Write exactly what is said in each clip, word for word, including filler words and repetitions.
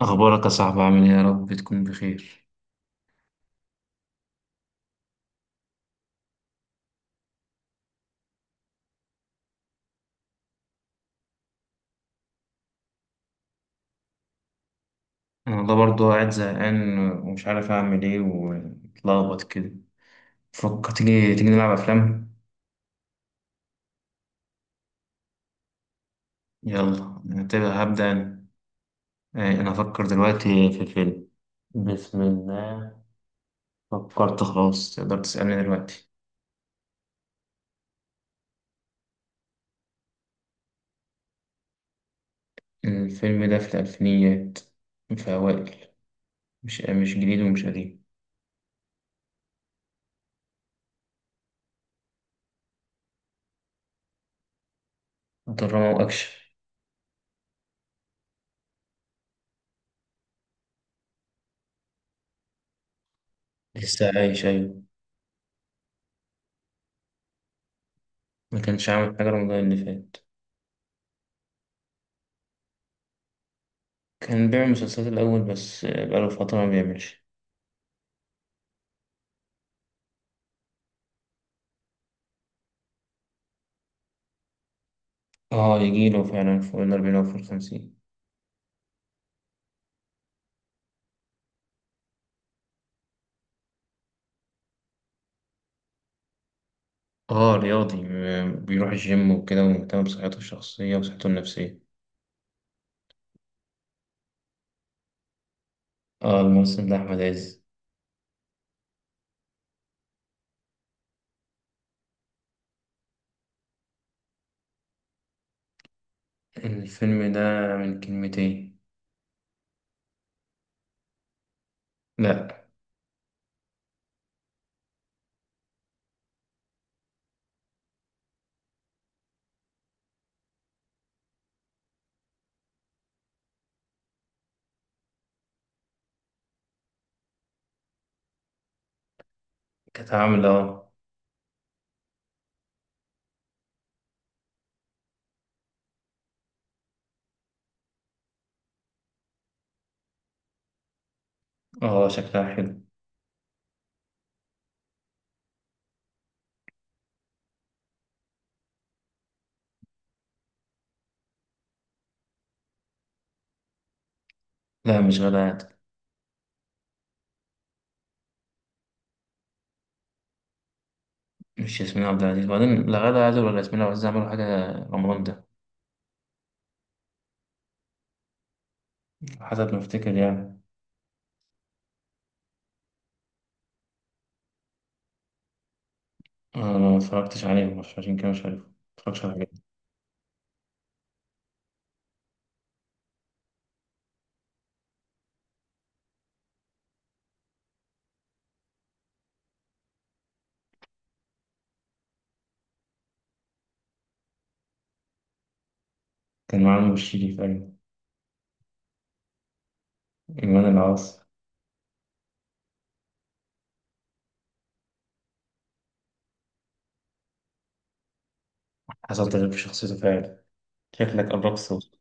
أخبارك يا صاحبي، عامل إيه؟ يا رب تكون بخير. أنا والله برضه قاعد زهقان ومش عارف أعمل إيه ومتلخبط كده. فكر، تيجي تيجي نلعب أفلام. يلا أنا هبدأ أنا. آه، أنا أفكر دلوقتي في فيلم. بسم الله. فكرت خلاص، تقدر تسألني دلوقتي. الفيلم ده في الألفينيات، في أوائل. مش مش جديد ومش قديم. دراما وأكشن. لسه عايش، أيوة. ما كانش عامل حاجة رمضان اللي فات. كان بيعمل مسلسلات الأول بس بقاله فترة ما بيعملش. اه، يجيله فعلا فوق الأربعين أو فوق الخمسين. اه، رياضي، م- بيروح الجيم وكده ومهتم بصحته الشخصية وصحته النفسية. اه، الممثل ده أحمد عز. الفيلم ده من كلمتين. لأ. كانت عاملة، اه. اه، شكلها حلو. لا، مش غادة عادل. مش ياسمين عبد العزيز، وبعدين لا غادة عادل ولا ياسمين عبد العزيز عملوا حاجة رمضان ده. حسب ما أفتكر يعني. آه، أنا ما اتفرجتش عليهم عشان كده مش عارف. متفرجش على حاجة. كان معاهم الشريف، أيوة. إيمان العاصي. حصل تغيير في شخصيته فعلا. شكلك قربت توصل.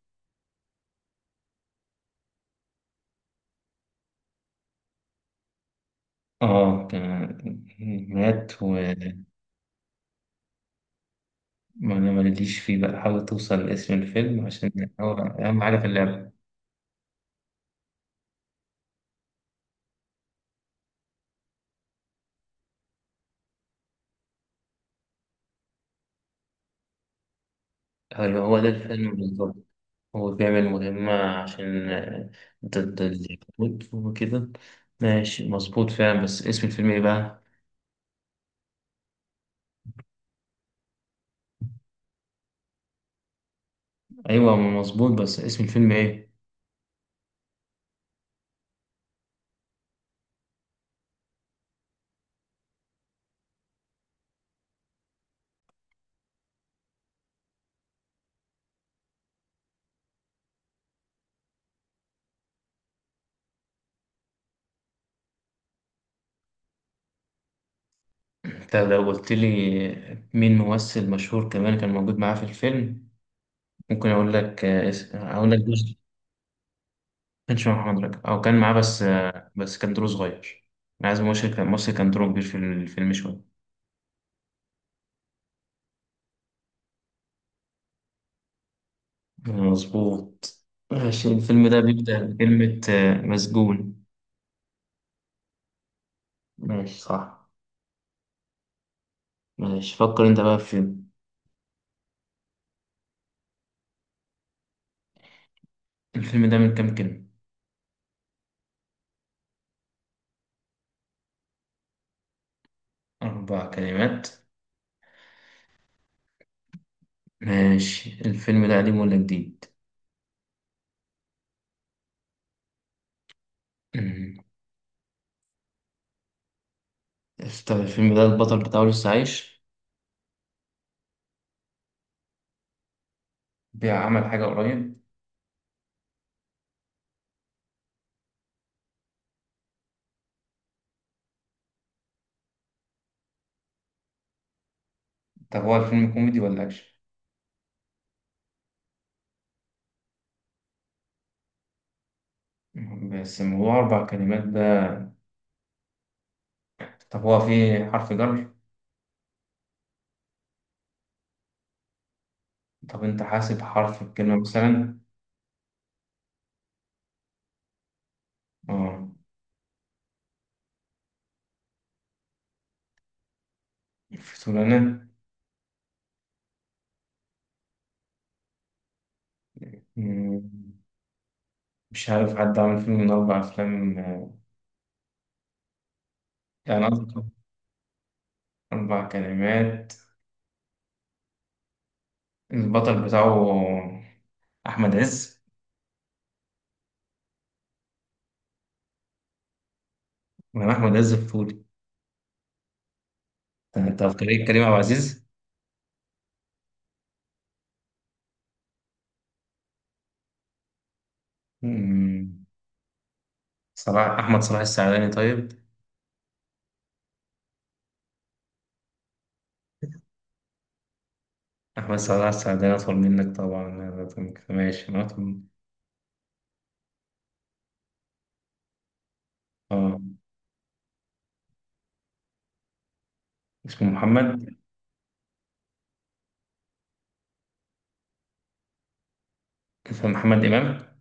آه كان. مات وما. أنا ماليش فيه بقى، حاول توصل لاسم الفيلم عشان هو أهم حاجة في اللعبة. هو هو ده الفيلم بالظبط. هو بيعمل مهمة عشان آه، ضد اليهود وكده. ماشي، مظبوط فعلا، بس اسم الفيلم إيه بقى؟ أيوة مظبوط، بس اسم الفيلم إيه؟ أنت لو قلت لي مين ممثل مشهور كمان كان موجود معاه في الفيلم، ممكن أقول لك آه، اس- أقول لك. كانش مع محمد رجب او كان معاه، بس آه، بس كان دور صغير. انا عايز مصر كان مصر كان دوره كبير في الفيلم شويه. مظبوط. ماشي، الفيلم ده بيبدأ بكلمة آه، مسجون. ماشي، صح. ماشي، فكر انت بقى في فيلم. الفيلم ده من كام كلمة؟ أربع كلمات. ماشي، الفيلم ده قديم ولا جديد؟ أمم. طب الفيلم ده البطل بتاعه لسه عايش؟ بيعمل حاجة قريب؟ طب هو الفيلم كوميدي ولا أكشن؟ بس ما هو أربع كلمات ده. طب هو فيه حرف جر؟ طب أنت حاسب حرف الكلمة مثلا؟ آه، الفتولانة. مم، مش عارف حد عمل فيلم من أربع أفلام، آه، يعني قصدي أربع كلمات. البطل بتاعه أحمد عز، ولا أحمد عز الفولي؟ أنت أفكاري كريم عبد العزيز. مم، صلاح أحمد صلاح السعداني طيب؟ أحمد صلاح السعداني أطول منك طبعا لازم كده، ماشي أنا أطول. آه. اسمه محمد. اسمه محمد إمام.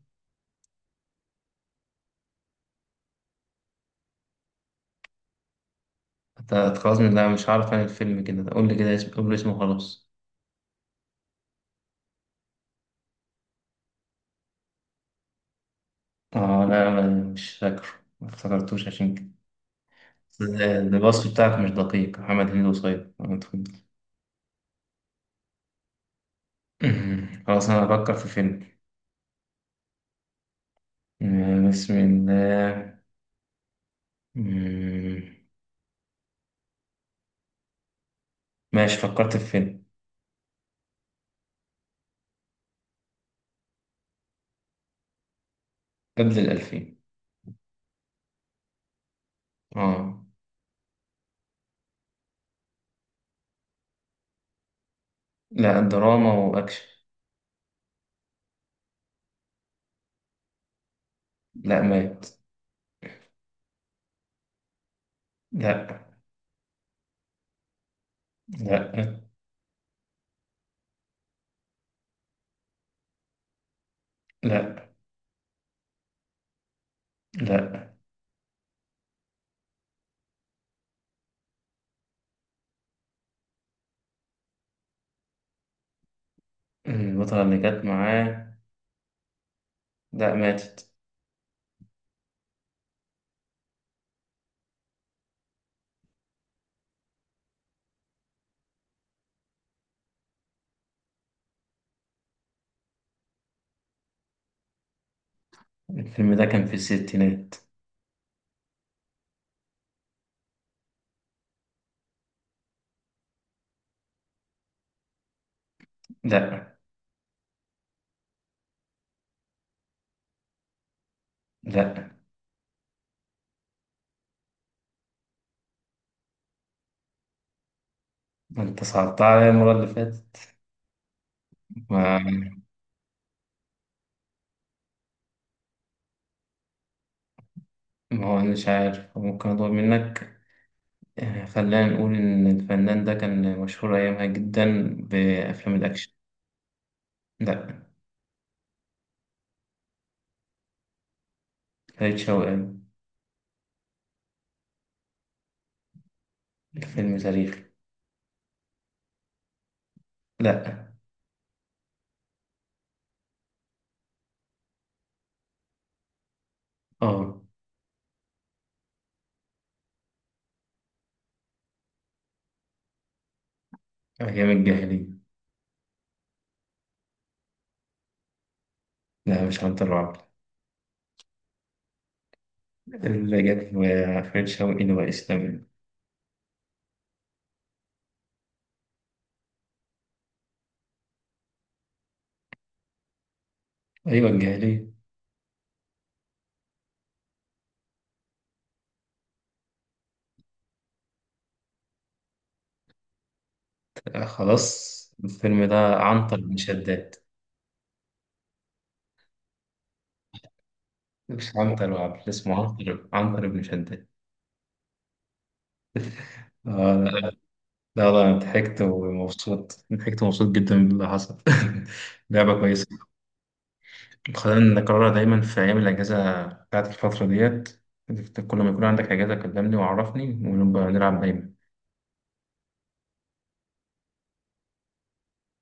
أنت خلاص من ده مش عارف عن الفيلم، كده قول لي كده اسم، قول لي اسمه خلاص. اه، لا، ما- مش فاكره. ما افتكرتوش عشان كده. ال- الوصف بتاعك مش دقيق، محمد هنيدي وصيد، آه، اتفضل. خلاص، انا هفكر في فيلم. آه، بسم الله. مم، ماشي، فكرت في فيلم. قبل الألفين. اه. لا، دراما وأكشن. لا، مات. لا. لا. لا. لا. البطلة اللي كانت معاه، لا، ماتت. الفيلم ده كان في الستينات. لا. لا. ما انت صعبتها عليا المرة اللي فاتت. ما ما هو أنا مش عارف، ممكن أطلب منك. يعني خلينا نقول إن الفنان ده كان مشهور أيامها جدا بأفلام الأكشن. لأ. فريد شوقي، أيوة. الفيلم تاريخي. لأ. آه. أيام الجاهلية. لا، مش عنتر وعبد، اللي جت. فريد شوقي اللي هو إسلامي. أيوة، الجاهلية. آه، خلاص. الفيلم ده عنتر بن شداد. مش عنتر وعبد، اسمه عنتر، عنتر بن شداد. آه. لا، لا، أنا ضحكت ومبسوط، ضحكت ومبسوط جدا باللي حصل. لعبة كويسة. خلينا نكررها دايما في أيام الأجازة بتاعت الفترة ديت. كل ما يكون عندك أجازة كلمني وعرفني ونبقى نلعب دايما